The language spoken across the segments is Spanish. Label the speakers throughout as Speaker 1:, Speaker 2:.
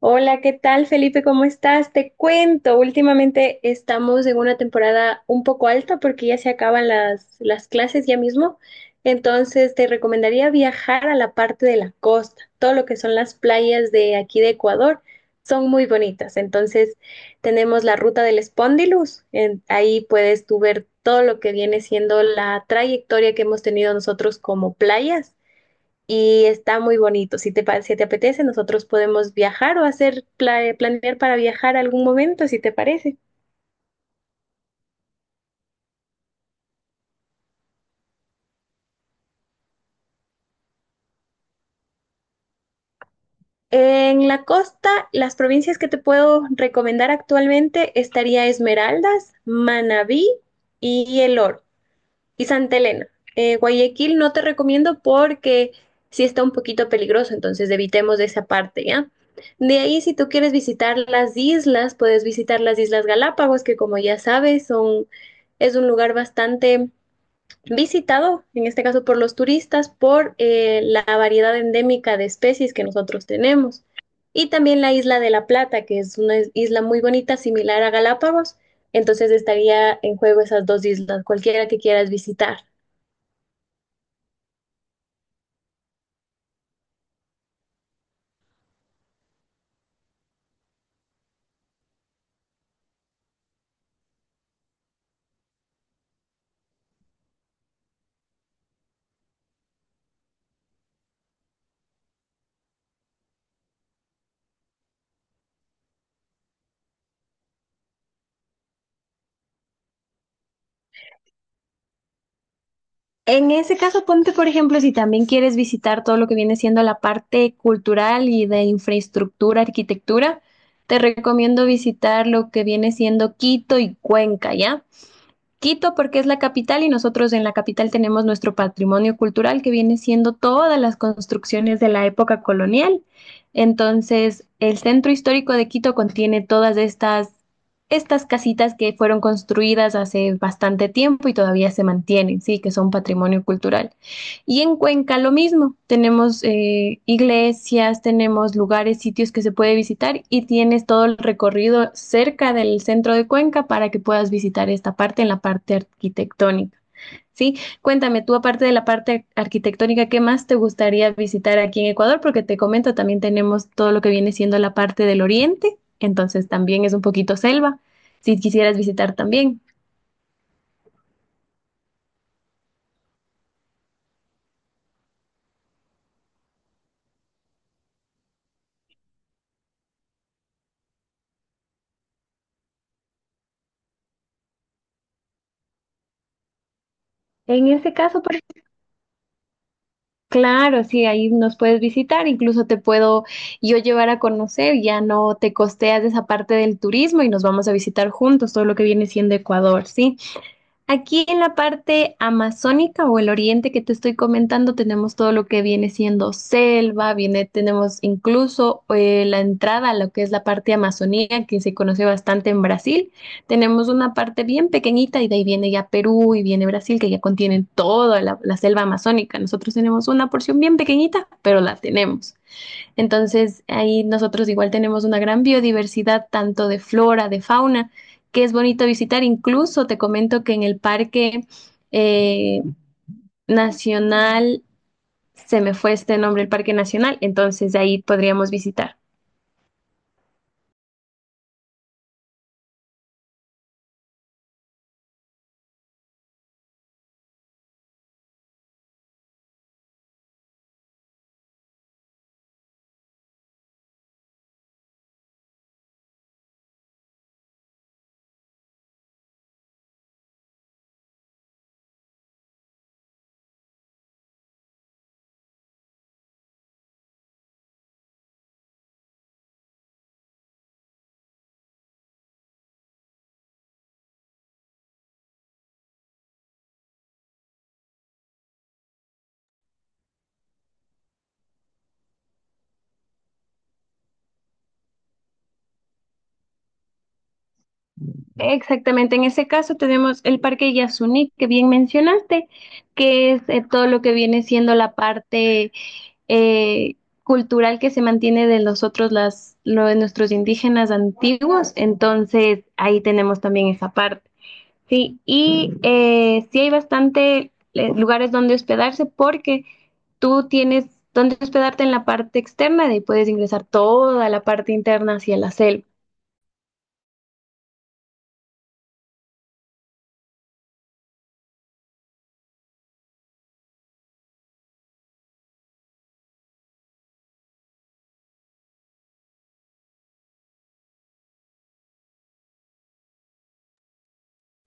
Speaker 1: Hola, ¿qué tal, Felipe? ¿Cómo estás? Te cuento, últimamente estamos en una temporada un poco alta porque ya se acaban las clases ya mismo. Entonces, te recomendaría viajar a la parte de la costa. Todo lo que son las playas de aquí de Ecuador son muy bonitas. Entonces, tenemos la ruta del Spondylus. Ahí puedes tú ver todo lo que viene siendo la trayectoria que hemos tenido nosotros como playas y está muy bonito. Si te, si te apetece, nosotros podemos viajar o hacer planear para viajar algún momento, si te parece. En la costa, las provincias que te puedo recomendar actualmente estaría Esmeraldas, Manabí y El Oro. Y Santa Elena. Guayaquil no te recomiendo porque sí está un poquito peligroso, entonces evitemos esa parte, ¿ya? De ahí, si tú quieres visitar las islas, puedes visitar las Islas Galápagos, que como ya sabes, son, es un lugar bastante visitado, en este caso por los turistas, por la variedad endémica de especies que nosotros tenemos. Y también la isla de La Plata, que es una isla muy bonita, similar a Galápagos. Entonces estaría en juego esas dos islas, cualquiera que quieras visitar. En ese caso, ponte, por ejemplo, si también quieres visitar todo lo que viene siendo la parte cultural y de infraestructura, arquitectura, te recomiendo visitar lo que viene siendo Quito y Cuenca, ¿ya? Quito porque es la capital y nosotros en la capital tenemos nuestro patrimonio cultural que viene siendo todas las construcciones de la época colonial. Entonces, el centro histórico de Quito contiene estas casitas que fueron construidas hace bastante tiempo y todavía se mantienen, sí, que son patrimonio cultural. Y en Cuenca lo mismo, tenemos iglesias, tenemos lugares, sitios que se puede visitar y tienes todo el recorrido cerca del centro de Cuenca para que puedas visitar esta parte en la parte arquitectónica. ¿Sí? Cuéntame tú, aparte de la parte arquitectónica, ¿qué más te gustaría visitar aquí en Ecuador? Porque te comento, también tenemos todo lo que viene siendo la parte del oriente, entonces también es un poquito selva, si quisieras visitar también. En ese caso, por Claro, sí, ahí nos puedes visitar, incluso te puedo yo llevar a conocer, ya no te costeas esa parte del turismo y nos vamos a visitar juntos todo lo que viene siendo Ecuador, ¿sí? Aquí en la parte amazónica o el oriente que te estoy comentando, tenemos todo lo que viene siendo selva, viene, tenemos incluso la entrada a lo que es la parte amazonía, que se conoce bastante en Brasil. Tenemos una parte bien pequeñita y de ahí viene ya Perú y viene Brasil, que ya contienen toda la selva amazónica. Nosotros tenemos una porción bien pequeñita, pero la tenemos. Entonces, ahí nosotros igual tenemos una gran biodiversidad, tanto de flora, de fauna, que es bonito visitar. Incluso te comento que en el eh, Nacional, se me fue este nombre, el Parque Nacional, entonces ahí podríamos visitar. Exactamente, en ese caso tenemos el Parque Yasuní, que bien mencionaste, que es todo lo que viene siendo la parte eh, cultural que se mantiene de nosotros, las, lo de nuestros indígenas antiguos, entonces ahí tenemos también esa parte. Sí, y sí hay bastante lugares donde hospedarse porque tú tienes donde hospedarte en la parte externa y puedes ingresar toda la parte interna hacia la selva.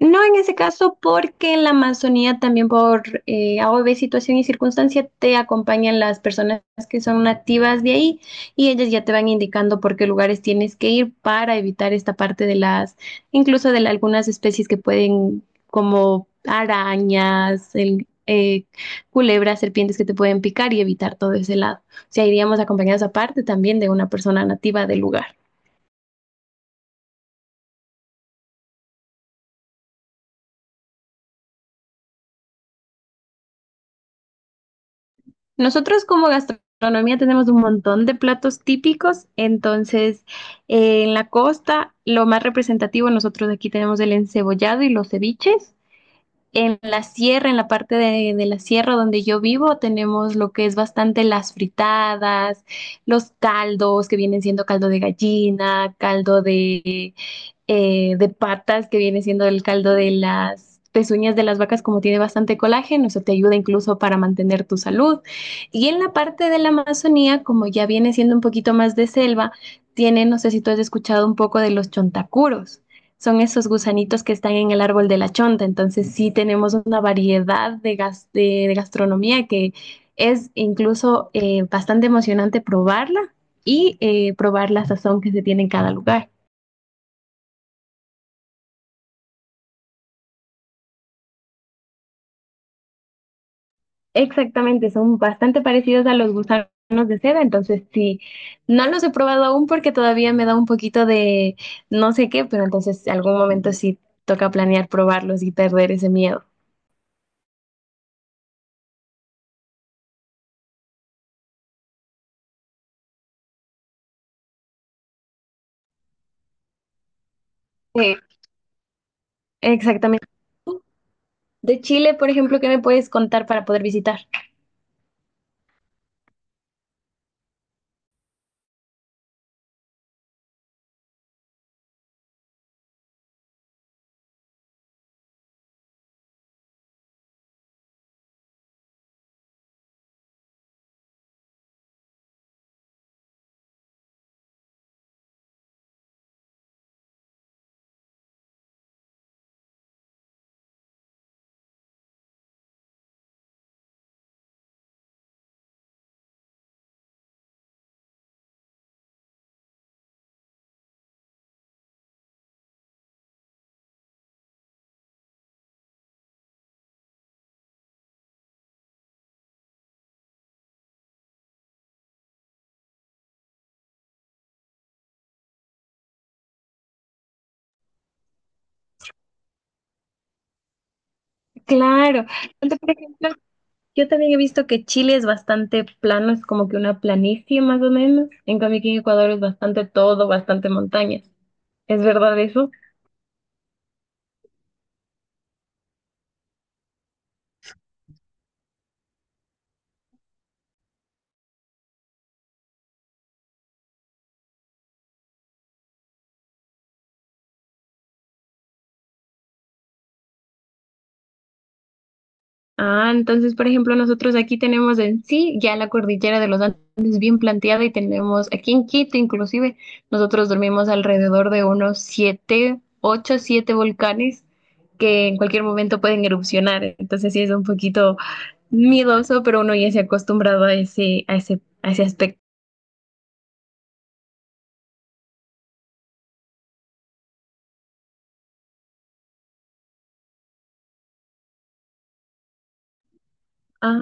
Speaker 1: No en ese caso, porque en la Amazonía también por AOV, situación y circunstancia, te acompañan las personas que son nativas de ahí y ellas ya te van indicando por qué lugares tienes que ir para evitar esta parte de las, incluso de algunas especies que pueden, como arañas, culebras, serpientes que te pueden picar y evitar todo ese lado. O sea, iríamos acompañados aparte también de una persona nativa del lugar. Nosotros como gastronomía tenemos un montón de platos típicos, entonces en la costa lo más representativo nosotros aquí tenemos el encebollado y los ceviches. En la sierra, en la parte de la sierra donde yo vivo, tenemos lo que es bastante las fritadas, los caldos que vienen siendo caldo de gallina, de patas, que viene siendo el caldo de las pezuñas de las vacas, como tiene bastante colágeno, eso te ayuda incluso para mantener tu salud. Y en la parte de la Amazonía, como ya viene siendo un poquito más de selva, tiene, no sé si tú has escuchado un poco de los chontacuros. Son esos gusanitos que están en el árbol de la chonta. Entonces sí tenemos una variedad de gastronomía que es incluso bastante emocionante probarla y probar la sazón que se tiene en cada lugar. Exactamente, son bastante parecidos a los gusanos de seda, entonces sí, no los he probado aún porque todavía me da un poquito de no sé qué, pero entonces algún momento sí toca planear probarlos y perder ese miedo. Sí. Exactamente. De Chile, por ejemplo, ¿qué me puedes contar para poder visitar? Claro. Entonces, por ejemplo, yo también he visto que Chile es bastante plano, es como que una planicie más o menos. En cambio, aquí en Ecuador es bastante todo, bastante montañas. ¿Es verdad eso? Ah, entonces, por ejemplo, nosotros aquí tenemos en sí ya la cordillera de los Andes bien planteada y tenemos aquí en Quito, inclusive, nosotros dormimos alrededor de unos siete volcanes que en cualquier momento pueden erupcionar. Entonces, sí es un poquito miedoso, pero uno ya se ha acostumbrado a ese aspecto. Ah,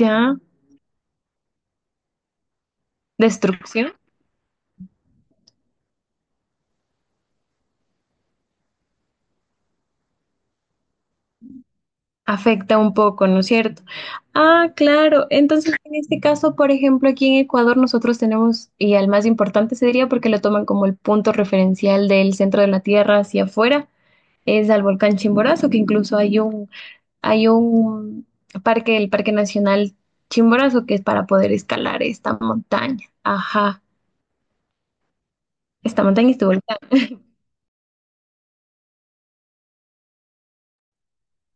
Speaker 1: ya, destrucción. Afecta un poco, ¿no es cierto? Ah, claro. Entonces, en este caso, por ejemplo, aquí en Ecuador nosotros tenemos, y al más importante se diría porque lo toman como el punto referencial del centro de la Tierra hacia afuera, es al volcán Chimborazo, que incluso hay un parque, el Parque Nacional Chimborazo, que es para poder escalar esta montaña. Ajá, esta montaña estuvo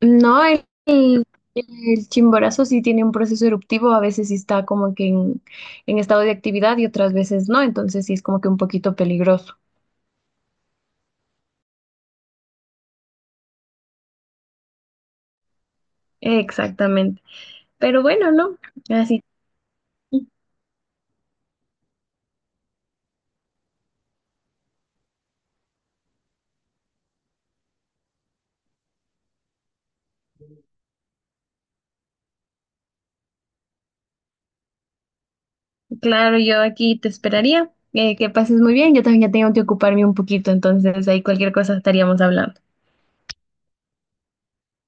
Speaker 1: No, el chimborazo sí tiene un proceso eruptivo, a veces sí está como que en estado de actividad y otras veces no, entonces sí es como que un poquito peligroso. Exactamente. Pero bueno, ¿no? Así, claro, yo aquí te esperaría. Que pases muy bien, yo también ya tengo que ocuparme un poquito, entonces ahí cualquier cosa estaríamos hablando.